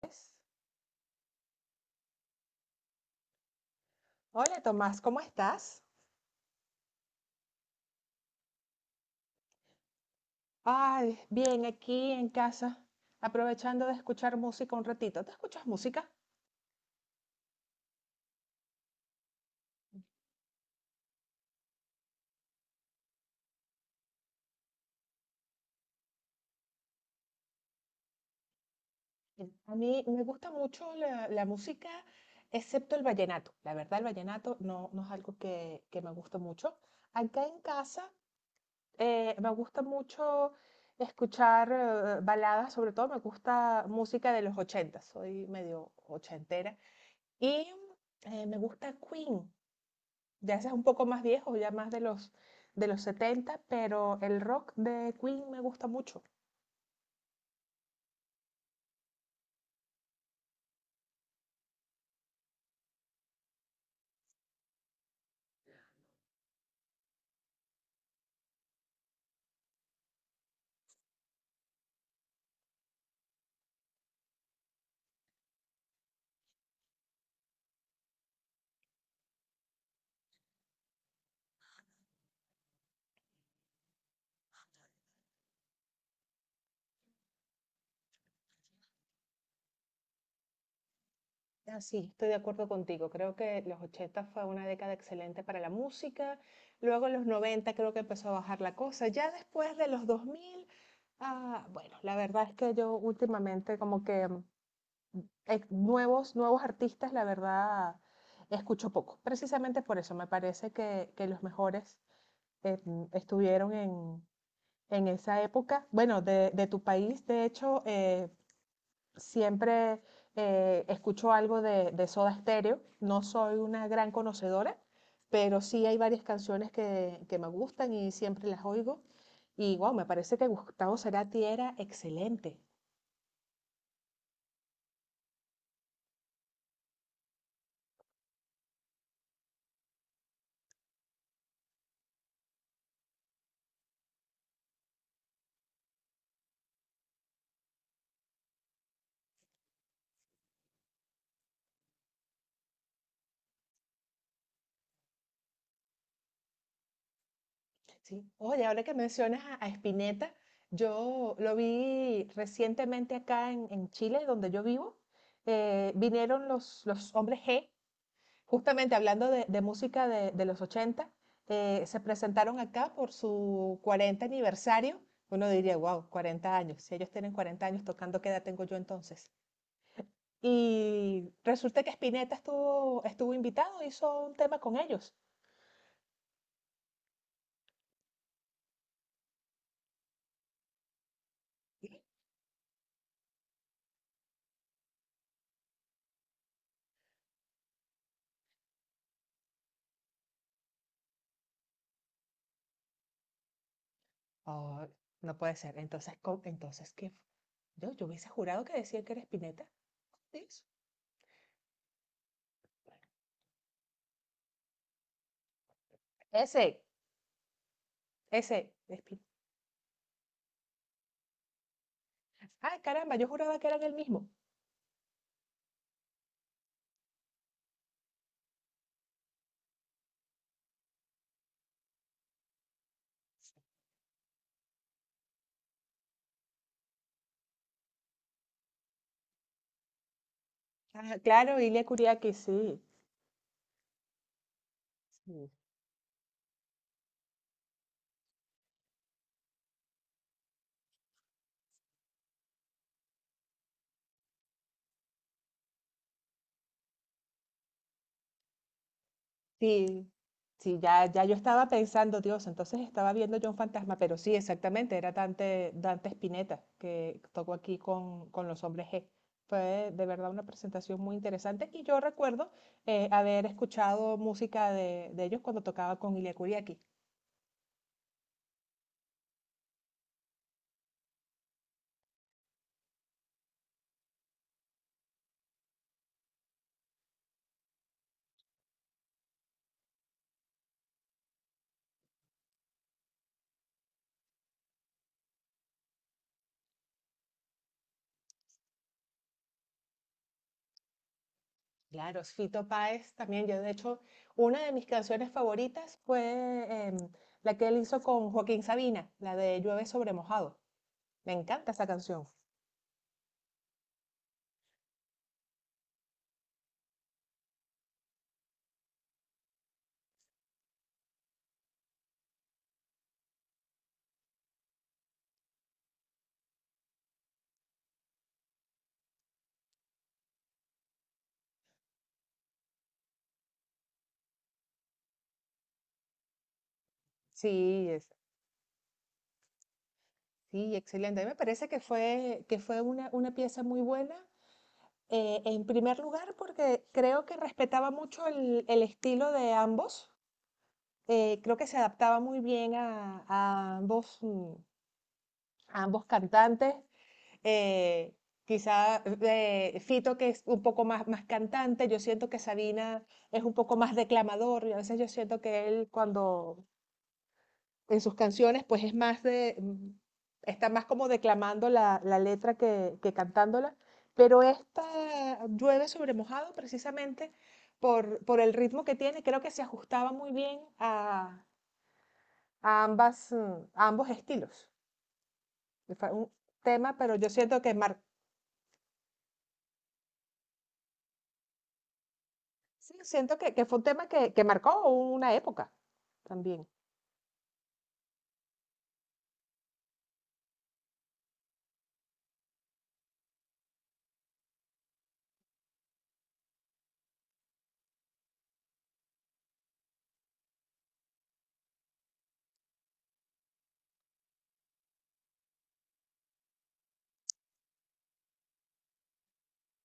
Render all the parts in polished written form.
Pues. Hola Tomás, ¿cómo estás? Ay, bien, aquí en casa, aprovechando de escuchar música un ratito. ¿Te escuchas música? Mira, a mí me gusta mucho la música, excepto el vallenato. La verdad, el vallenato no, no es algo que me gusta mucho. Acá en casa me gusta mucho escuchar baladas, sobre todo me gusta música de los 80, soy medio ochentera. Y me gusta Queen. Ya ese es un poco más viejo, ya más de los 70, pero el rock de Queen me gusta mucho. Ah, sí, estoy de acuerdo contigo. Creo que los 80 fue una década excelente para la música. Luego en los 90 creo que empezó a bajar la cosa. Ya después de los 2000, ah, bueno, la verdad es que yo últimamente como que nuevos artistas, la verdad, escucho poco. Precisamente por eso me parece que los mejores eh, estuvieron en esa época, bueno, de tu país, de hecho, siempre escucho algo de Soda Stereo. No soy una gran conocedora, pero sí hay varias canciones que me gustan y siempre las oigo. Y wow, me parece que Gustavo Cerati era excelente. ¿Sí? Oye, ahora que mencionas a Spinetta, yo lo vi recientemente acá en Chile, donde yo vivo. Vinieron los hombres G. Justamente hablando de música de los 80, se presentaron acá por su 40 aniversario. Uno diría, wow, 40 años. Si ellos tienen 40 años tocando, ¿qué edad tengo yo entonces? Y resulta que Spinetta estuvo invitado, hizo un tema con ellos. Y, oh, no puede ser. Entonces, ¿qué? Yo hubiese jurado que decían que era Spinetta. Dios. Ese, ese. Ay, caramba, yo juraba que eran el mismo. Ah, claro, Ilia Kuriaki, sí. Sí. Sí, sí, ya, ya yo estaba pensando, Dios, entonces estaba viendo yo un fantasma, pero sí, exactamente, era Dante, Dante Spinetta que tocó aquí con los hombres G. Fue de verdad una presentación muy interesante y yo recuerdo haber escuchado música de ellos cuando tocaba con Ilia Kuriaki. Claro, Fito Páez también, yo de hecho, una de mis canciones favoritas fue la que él hizo con Joaquín Sabina, la de Llueve sobre mojado. Me encanta esa canción. Sí, es, Sí, excelente. A mí me parece que fue una pieza muy buena. En primer lugar, porque creo que respetaba mucho el estilo de ambos. Creo que se adaptaba muy bien a ambos cantantes. eh, Quizá Fito, que es un poco más cantante, yo siento que Sabina es un poco más declamador. Y a veces yo siento que él, cuando en sus canciones, pues es más está más como declamando la letra que cantándola, pero esta llueve sobre mojado precisamente por el ritmo que tiene, creo que se ajustaba muy bien a ambos estilos. Fue un tema, pero yo siento sí, siento que fue un tema que marcó una época también.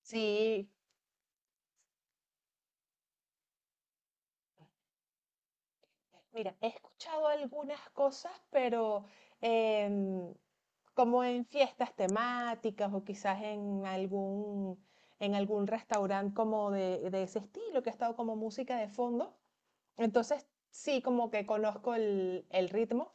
Sí, mira, he escuchado algunas cosas, pero em, como en fiestas temáticas o quizás en algún restaurante como de ese estilo, que ha estado como música de fondo. Entonces, sí, como que conozco el ritmo,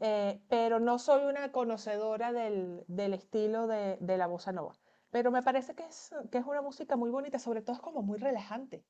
pero no soy una conocedora del estilo de la bossa nova. Pero me parece que es una música muy bonita, sobre todo es como muy relajante.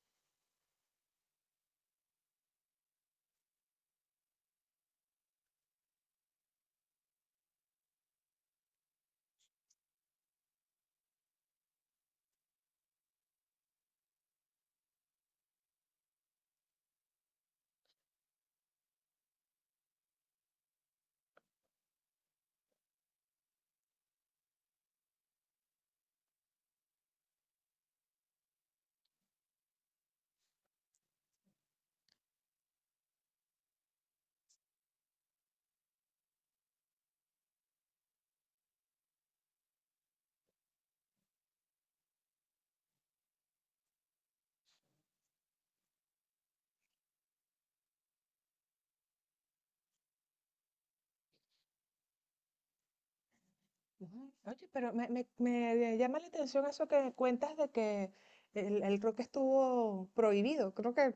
Ujú. Oye, pero me llama la atención eso que cuentas de que el rock estuvo prohibido. Creo que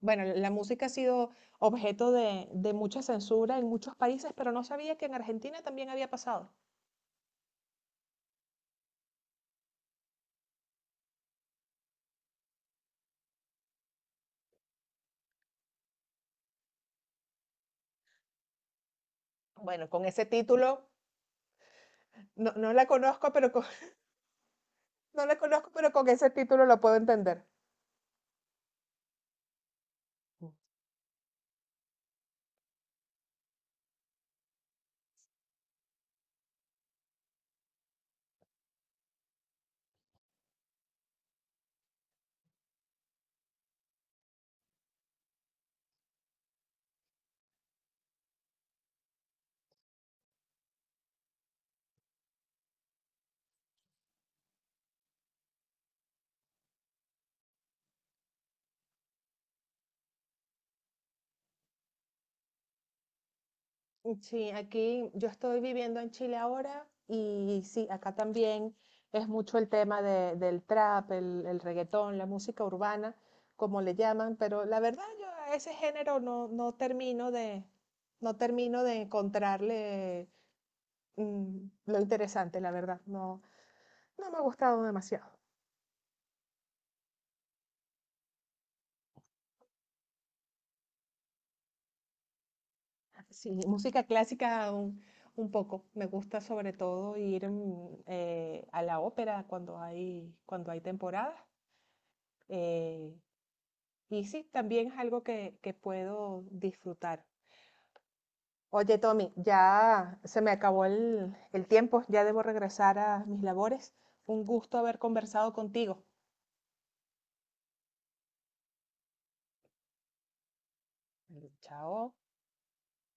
Bueno, la música ha sido objeto de mucha censura en muchos países, pero no sabía que en Argentina también había pasado. Bueno, con ese título, no, no la conozco, pero con, no la conozco, pero con ese título lo puedo entender. Mm. Sí, aquí yo estoy viviendo en Chile ahora y sí, acá también es mucho el tema del trap, el reggaetón, la música urbana, como le llaman, pero la verdad yo a ese género no, no termino de encontrarle lo interesante, la verdad. No, no me ha gustado demasiado. Sí, música clásica un poco. Me gusta sobre todo ir a la ópera cuando hay temporada. eh, y sí, también es algo que puedo disfrutar. Oye, Tommy, ya se me acabó el tiempo, ya debo regresar a mis labores. Un gusto haber conversado contigo. Chao.